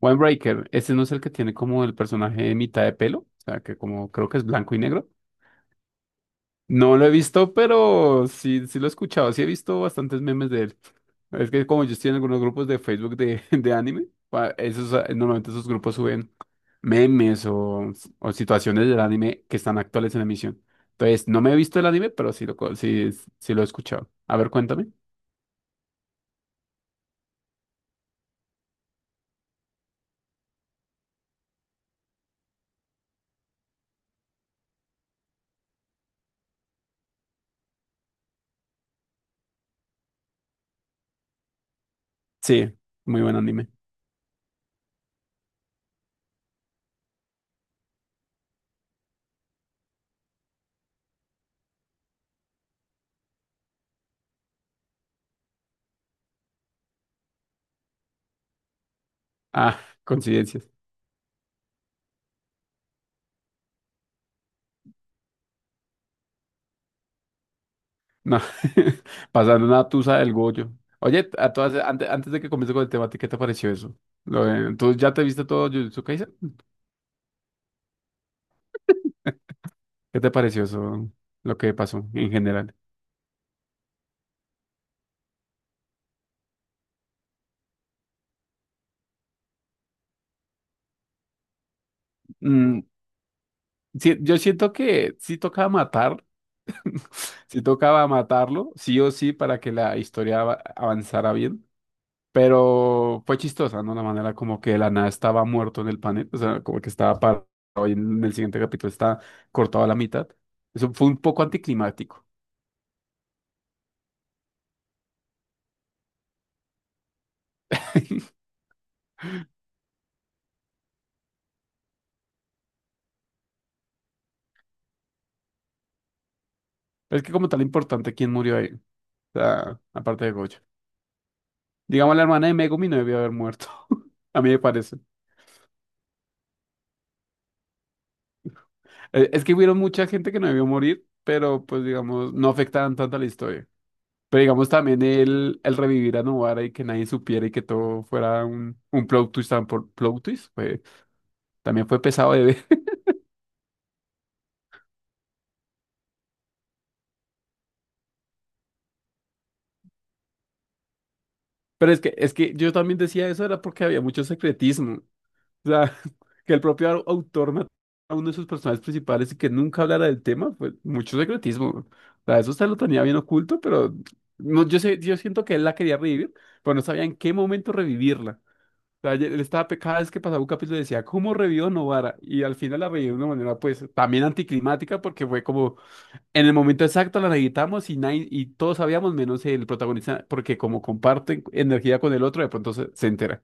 Breaker, ese no es el que tiene como el personaje de mitad de pelo, o sea, que como creo que es blanco y negro. No lo he visto, pero sí, sí lo he escuchado, sí he visto bastantes memes de él. Es que como yo estoy en algunos grupos de Facebook de anime, pa- esos, normalmente esos grupos suben memes o situaciones del anime que están actuales en emisión. Entonces, no me he visto el anime, pero sí lo, co- sí, sí lo he escuchado. A ver, cuéntame. Sí, muy buen anime. Ah, coincidencias. No, pasando una tusa del Goyo. Oye, a todas, antes de que comience con el tema, ¿a ti qué te pareció eso? Lo de- ¿tú ya te viste todo Jujutsu Kaisen? ¿Qué te pareció eso, lo que pasó en general? Mm, sí, yo siento que sí tocaba matar, sí tocaba matarlo, sí o sí, para que la historia ava- avanzara bien, pero fue chistosa, ¿no? La manera como que de la nada estaba muerto en el panel, o sea, como que estaba parado y en el siguiente capítulo está cortado a la mitad. Eso fue un poco anticlimático. Es que como tal importante quién murió ahí. O sea, aparte de Goyo. Digamos, la hermana de Megumi no debió haber muerto. A mí me parece. Es que hubieron mucha gente que no debió morir, pero pues digamos, no afectaban tanto a la historia. Pero digamos también el revivir a Novara y que nadie supiera y que todo fuera un plot twist, tan por plot twist, fue- también fue pesado de ver. Pero es que yo también decía eso era porque había mucho secretismo. O sea, que el propio autor matara a uno de sus personajes principales y que nunca hablara del tema, pues mucho secretismo. O sea, eso se lo tenía bien oculto, pero no, yo sé, yo siento que él la quería revivir, pero no sabía en qué momento revivirla. O sea, él estaba, pe- cada vez que pasaba un capítulo decía, ¿cómo revivió Novara? Y al final la revivió de una manera, pues, también anticlimática, porque fue como, en el momento exacto la necesitamos y, nadie- y todos sabíamos, menos el protagonista, porque como comparten energía con el otro, de pronto se entera.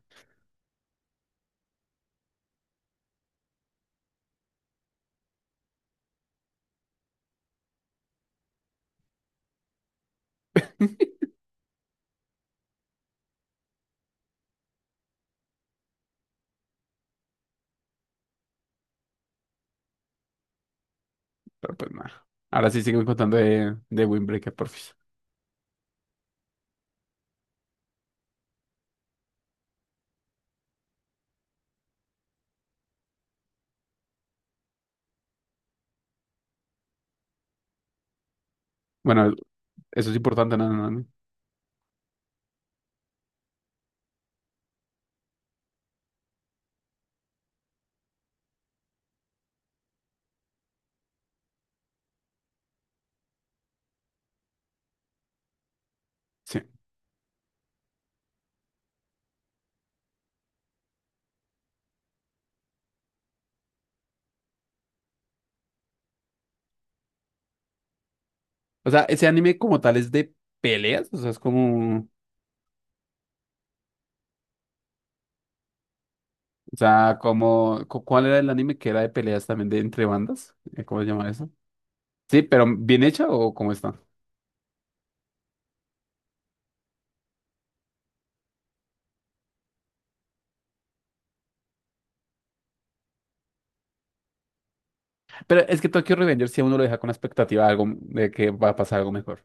Pero pues nada. Ahora sí siguen contando de Windbreaker, porfis. Bueno, eso es importante, no, no, no. Sí. O sea, ese anime como tal es de peleas. O sea, es como. O sea, como. Cu- ¿Cuál era el anime que era de peleas también de entre bandas? ¿Cómo se llama eso? Sí, pero bien hecha o cómo está. Pero es que Tokyo Revenger si a uno lo deja con la expectativa de algo de que va a pasar algo mejor.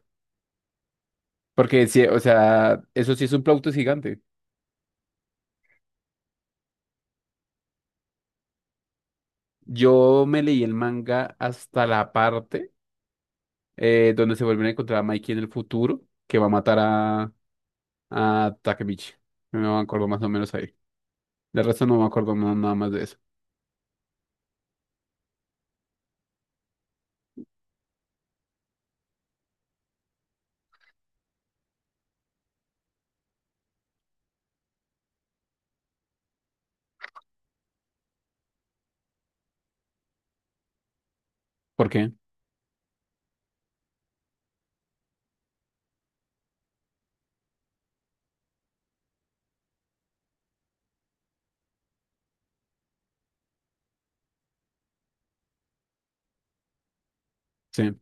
Porque sí, o sea, eso sí es un plauto gigante. Yo me leí el manga hasta la parte. Donde se vuelven a encontrar a Mikey en el futuro, que va a matar a Takemichi. No me acuerdo más o menos ahí. De resto no me acuerdo no- nada más de eso. ¿Por qué? Sí.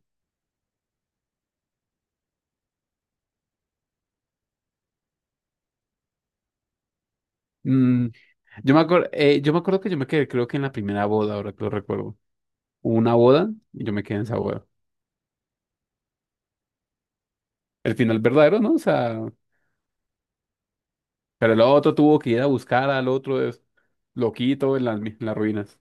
Mm, yo me acuerdo, yo me acuerdo que yo me quedé, creo que en la primera boda, ahora que lo recuerdo. Hubo una boda y yo me quedé en esa boda. El final verdadero, ¿no? O sea, pero el otro tuvo que ir a buscar al otro es- loquito en mi- en las ruinas.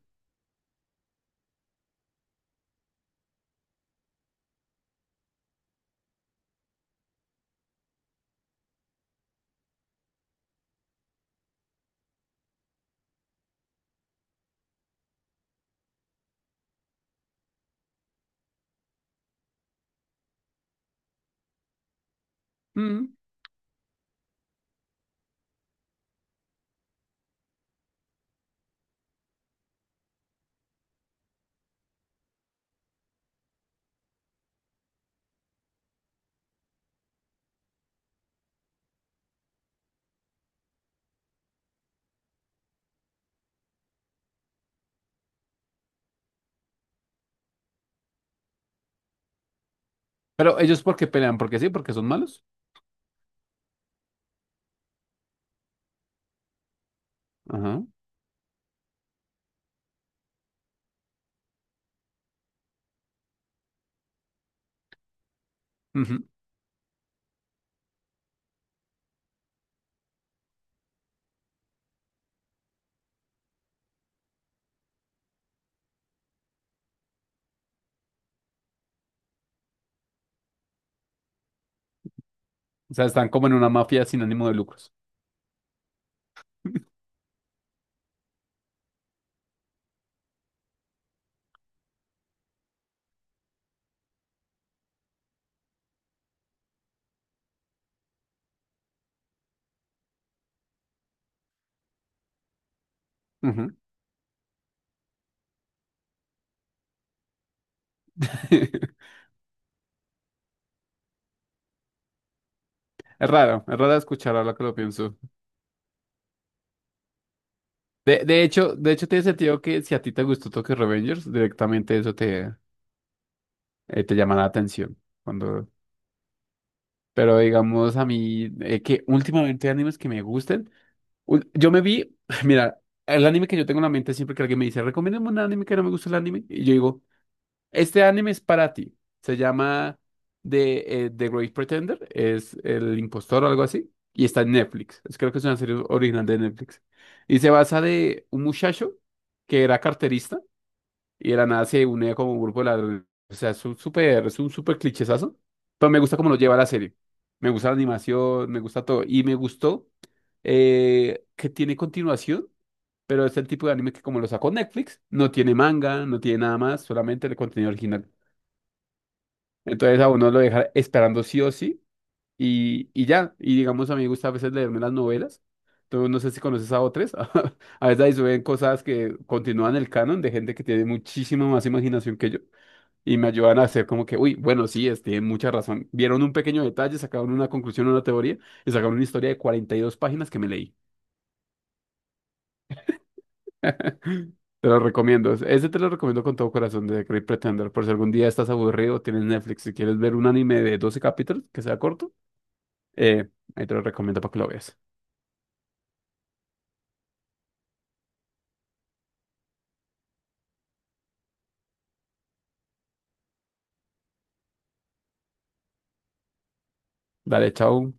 Mm, pero ellos porque pelean, porque sí, porque son malos. Ajá. Ujú. O sea, están como en una mafia sin ánimo de lucros. Ujú. Es raro escuchar ahora que lo pienso. De hecho tiene sentido que si a ti te gustó Tokyo Revengers, directamente eso te, te llama la atención. Cuando... Pero digamos a mí, que últimamente hay animes que me gusten. Ul- yo me vi, mira, el anime que yo tengo en la mente siempre que alguien me dice, recomiéndame un anime que no me gusta el anime. Y yo digo, este anime es para ti. Se llama The Great Pretender. Es El Impostor o algo así. Y está en Netflix. Es- creo que es una serie original de Netflix. Y se basa de un muchacho que era carterista y de la nada se une como un grupo de ladrones. O sea, es es un súper clichesazo. Pero me gusta cómo lo lleva la serie. Me gusta la animación, me gusta todo. Y me gustó que tiene continuación pero es el tipo de anime que como lo sacó Netflix, no tiene manga, no tiene nada más, solamente el contenido original. Entonces a uno lo deja esperando sí o sí y ya. Y digamos, a mí me gusta a veces leerme las novelas. Tú no sé si conoces a otras. A veces ahí suben cosas que continúan el canon de gente que tiene muchísima más imaginación que yo y me ayudan a hacer como que, uy, bueno, sí, es, tienen mucha razón. Vieron un pequeño detalle, sacaron una conclusión, una teoría y sacaron una historia de 42 páginas que me leí. Te lo recomiendo. Ese te lo recomiendo con todo corazón de The Great Pretender. Por si algún día estás aburrido, tienes Netflix y quieres ver un anime de 12 capítulos que sea corto, Eh, ahí te lo recomiendo para que lo veas. Dale, chao.